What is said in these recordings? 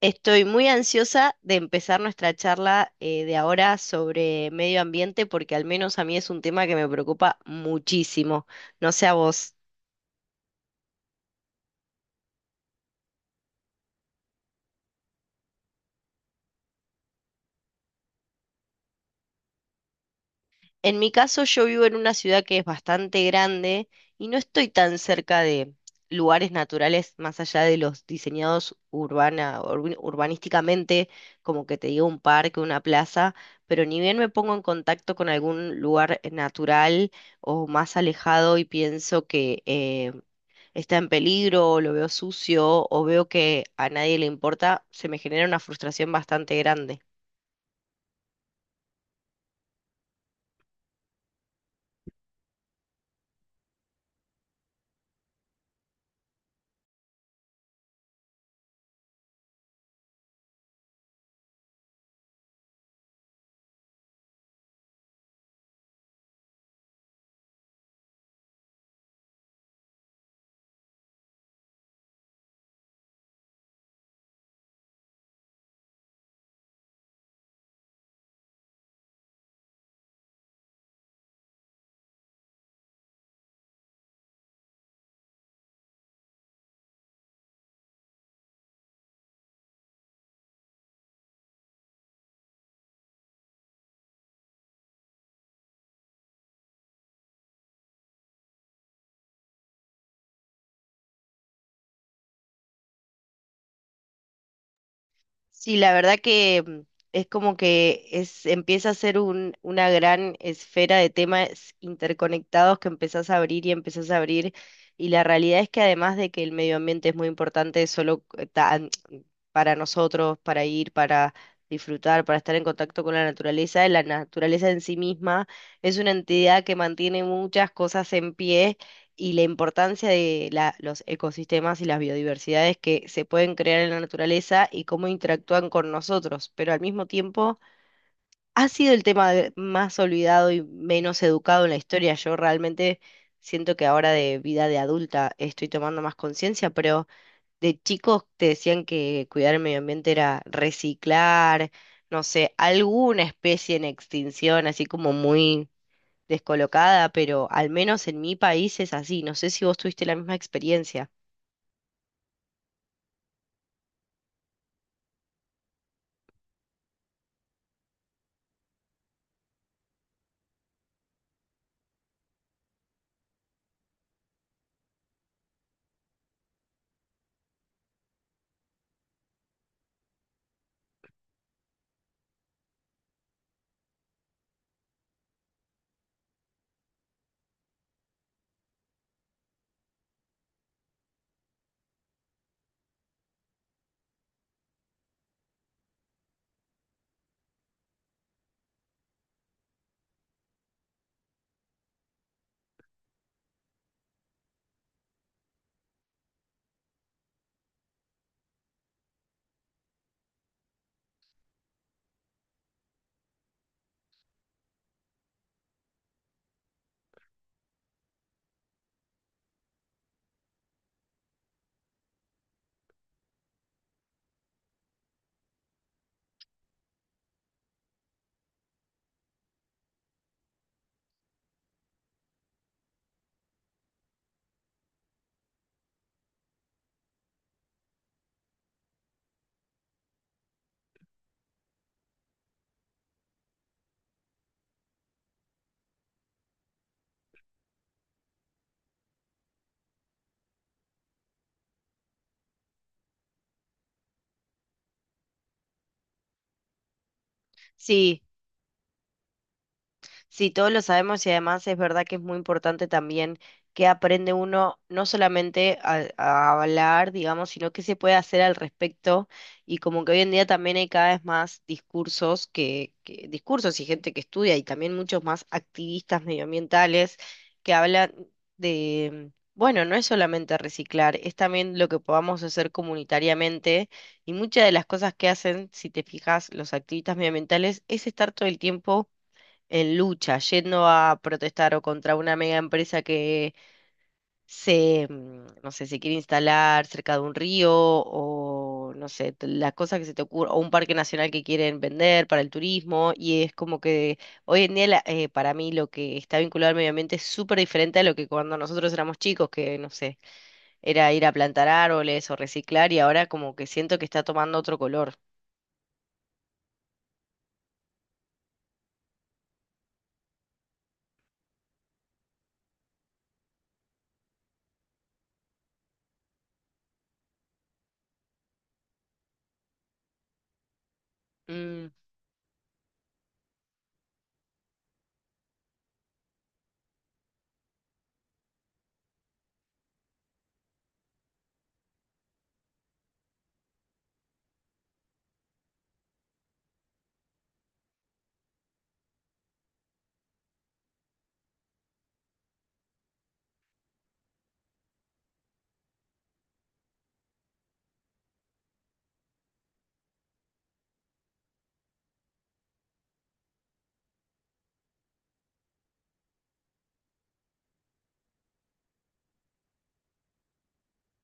Estoy muy ansiosa de empezar nuestra charla de ahora sobre medio ambiente porque al menos a mí es un tema que me preocupa muchísimo. No sé a vos. En mi caso, yo vivo en una ciudad que es bastante grande y no estoy tan cerca de lugares naturales más allá de los diseñados urbanísticamente, como que te digo un parque, una plaza, pero ni bien me pongo en contacto con algún lugar natural o más alejado y pienso que está en peligro, o lo veo sucio, o veo que a nadie le importa, se me genera una frustración bastante grande. Sí, la verdad que es como que es, empieza a ser una gran esfera de temas interconectados que empezás a abrir y empezás a abrir. Y la realidad es que además de que el medio ambiente es muy importante solo para nosotros, para ir, para disfrutar, para estar en contacto con la naturaleza en sí misma es una entidad que mantiene muchas cosas en pie y la importancia de los ecosistemas y las biodiversidades que se pueden crear en la naturaleza y cómo interactúan con nosotros, pero al mismo tiempo ha sido el tema más olvidado y menos educado en la historia. Yo realmente siento que ahora de vida de adulta estoy tomando más conciencia, pero de chicos te decían que cuidar el medio ambiente era reciclar, no sé, alguna especie en extinción, así como muy descolocada, pero al menos en mi país es así. No sé si vos tuviste la misma experiencia. Sí, Sí, todos lo sabemos y además es verdad que es muy importante también que aprende uno no solamente a hablar, digamos, sino que se puede hacer al respecto, y como que hoy en día también hay cada vez más discursos discursos y gente que estudia y también muchos más activistas medioambientales que hablan de, bueno, no es solamente reciclar, es también lo que podamos hacer comunitariamente. Y muchas de las cosas que hacen, si te fijas, los activistas medioambientales es estar todo el tiempo en lucha, yendo a protestar o contra una mega empresa que se, no sé, se quiere instalar cerca de un río o, no sé, las cosas que se te ocurren, o un parque nacional que quieren vender para el turismo. Y es como que hoy en día para mí lo que está vinculado al medio ambiente es súper diferente a lo que cuando nosotros éramos chicos, que, no sé, era ir a plantar árboles o reciclar, y ahora como que siento que está tomando otro color. Mm,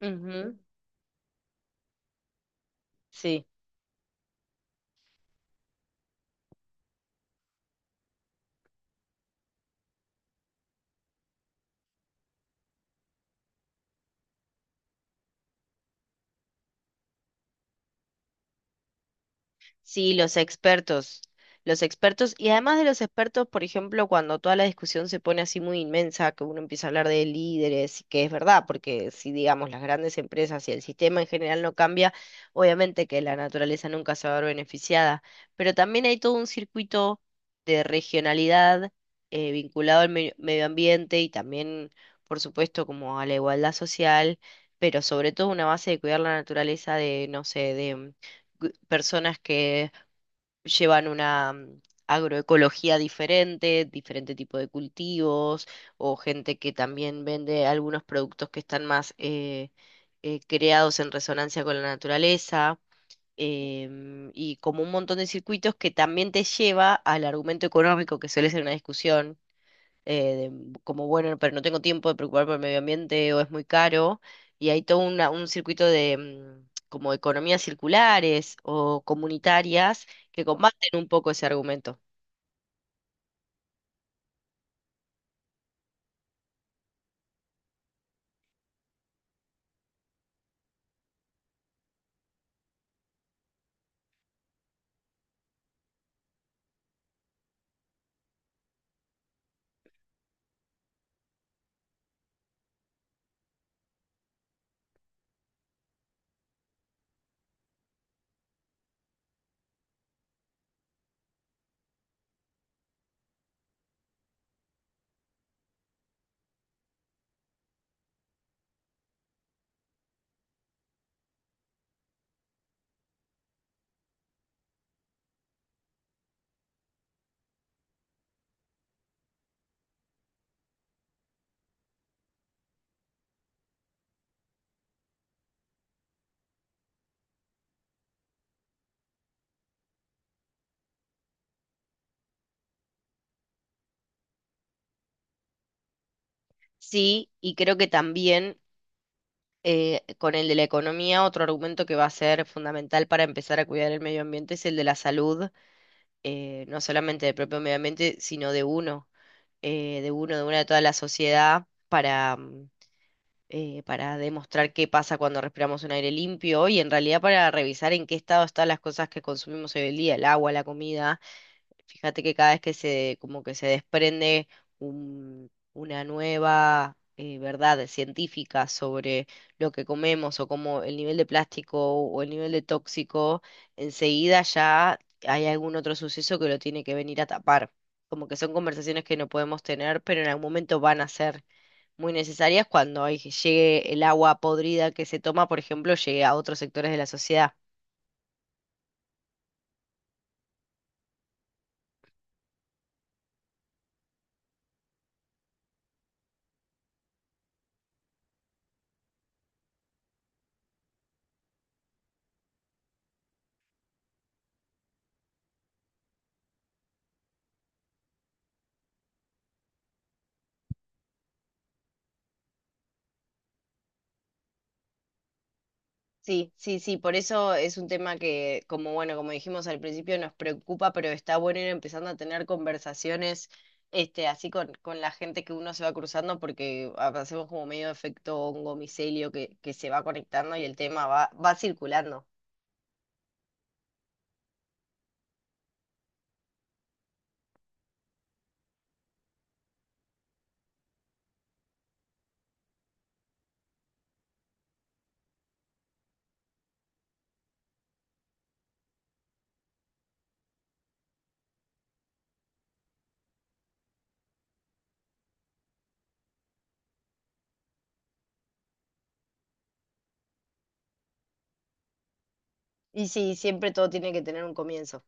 ujú. Sí. Sí, los expertos, y además de los expertos, por ejemplo, cuando toda la discusión se pone así muy inmensa, que uno empieza a hablar de líderes, y que es verdad, porque si digamos las grandes empresas y el sistema en general no cambia, obviamente que la naturaleza nunca se va a ver beneficiada, pero también hay todo un circuito de regionalidad vinculado al medio ambiente y también, por supuesto, como a la igualdad social, pero sobre todo una base de cuidar la naturaleza de, no sé, de personas que llevan una agroecología diferente, diferente tipo de cultivos, o gente que también vende algunos productos que están más creados en resonancia con la naturaleza. Y como un montón de circuitos que también te lleva al argumento económico que suele ser una discusión como bueno, pero no tengo tiempo de preocuparme por el medio ambiente o es muy caro, y hay un circuito de como economías circulares o comunitarias que combaten un poco ese argumento. Sí, y creo que también con el de la economía, otro argumento que va a ser fundamental para empezar a cuidar el medio ambiente es el de la salud, no solamente del propio medio ambiente, sino de uno, de una de toda la sociedad, para demostrar qué pasa cuando respiramos un aire limpio y en realidad para revisar en qué estado están las cosas que consumimos hoy en día, el agua, la comida. Fíjate que cada vez que se, como que se desprende una nueva verdad científica sobre lo que comemos o como el nivel de plástico o el nivel de tóxico, enseguida ya hay algún otro suceso que lo tiene que venir a tapar. Como que son conversaciones que no podemos tener, pero en algún momento van a ser muy necesarias cuando llegue el agua podrida que se toma, por ejemplo, llegue a otros sectores de la sociedad. Sí, sí, sí, por eso es un tema que, como bueno, como dijimos al principio, nos preocupa, pero está bueno ir empezando a tener conversaciones, este, así con la gente que uno se va cruzando, porque hacemos como medio efecto hongo micelio que se va conectando y el tema va, va circulando. Y sí, siempre todo tiene que tener un comienzo.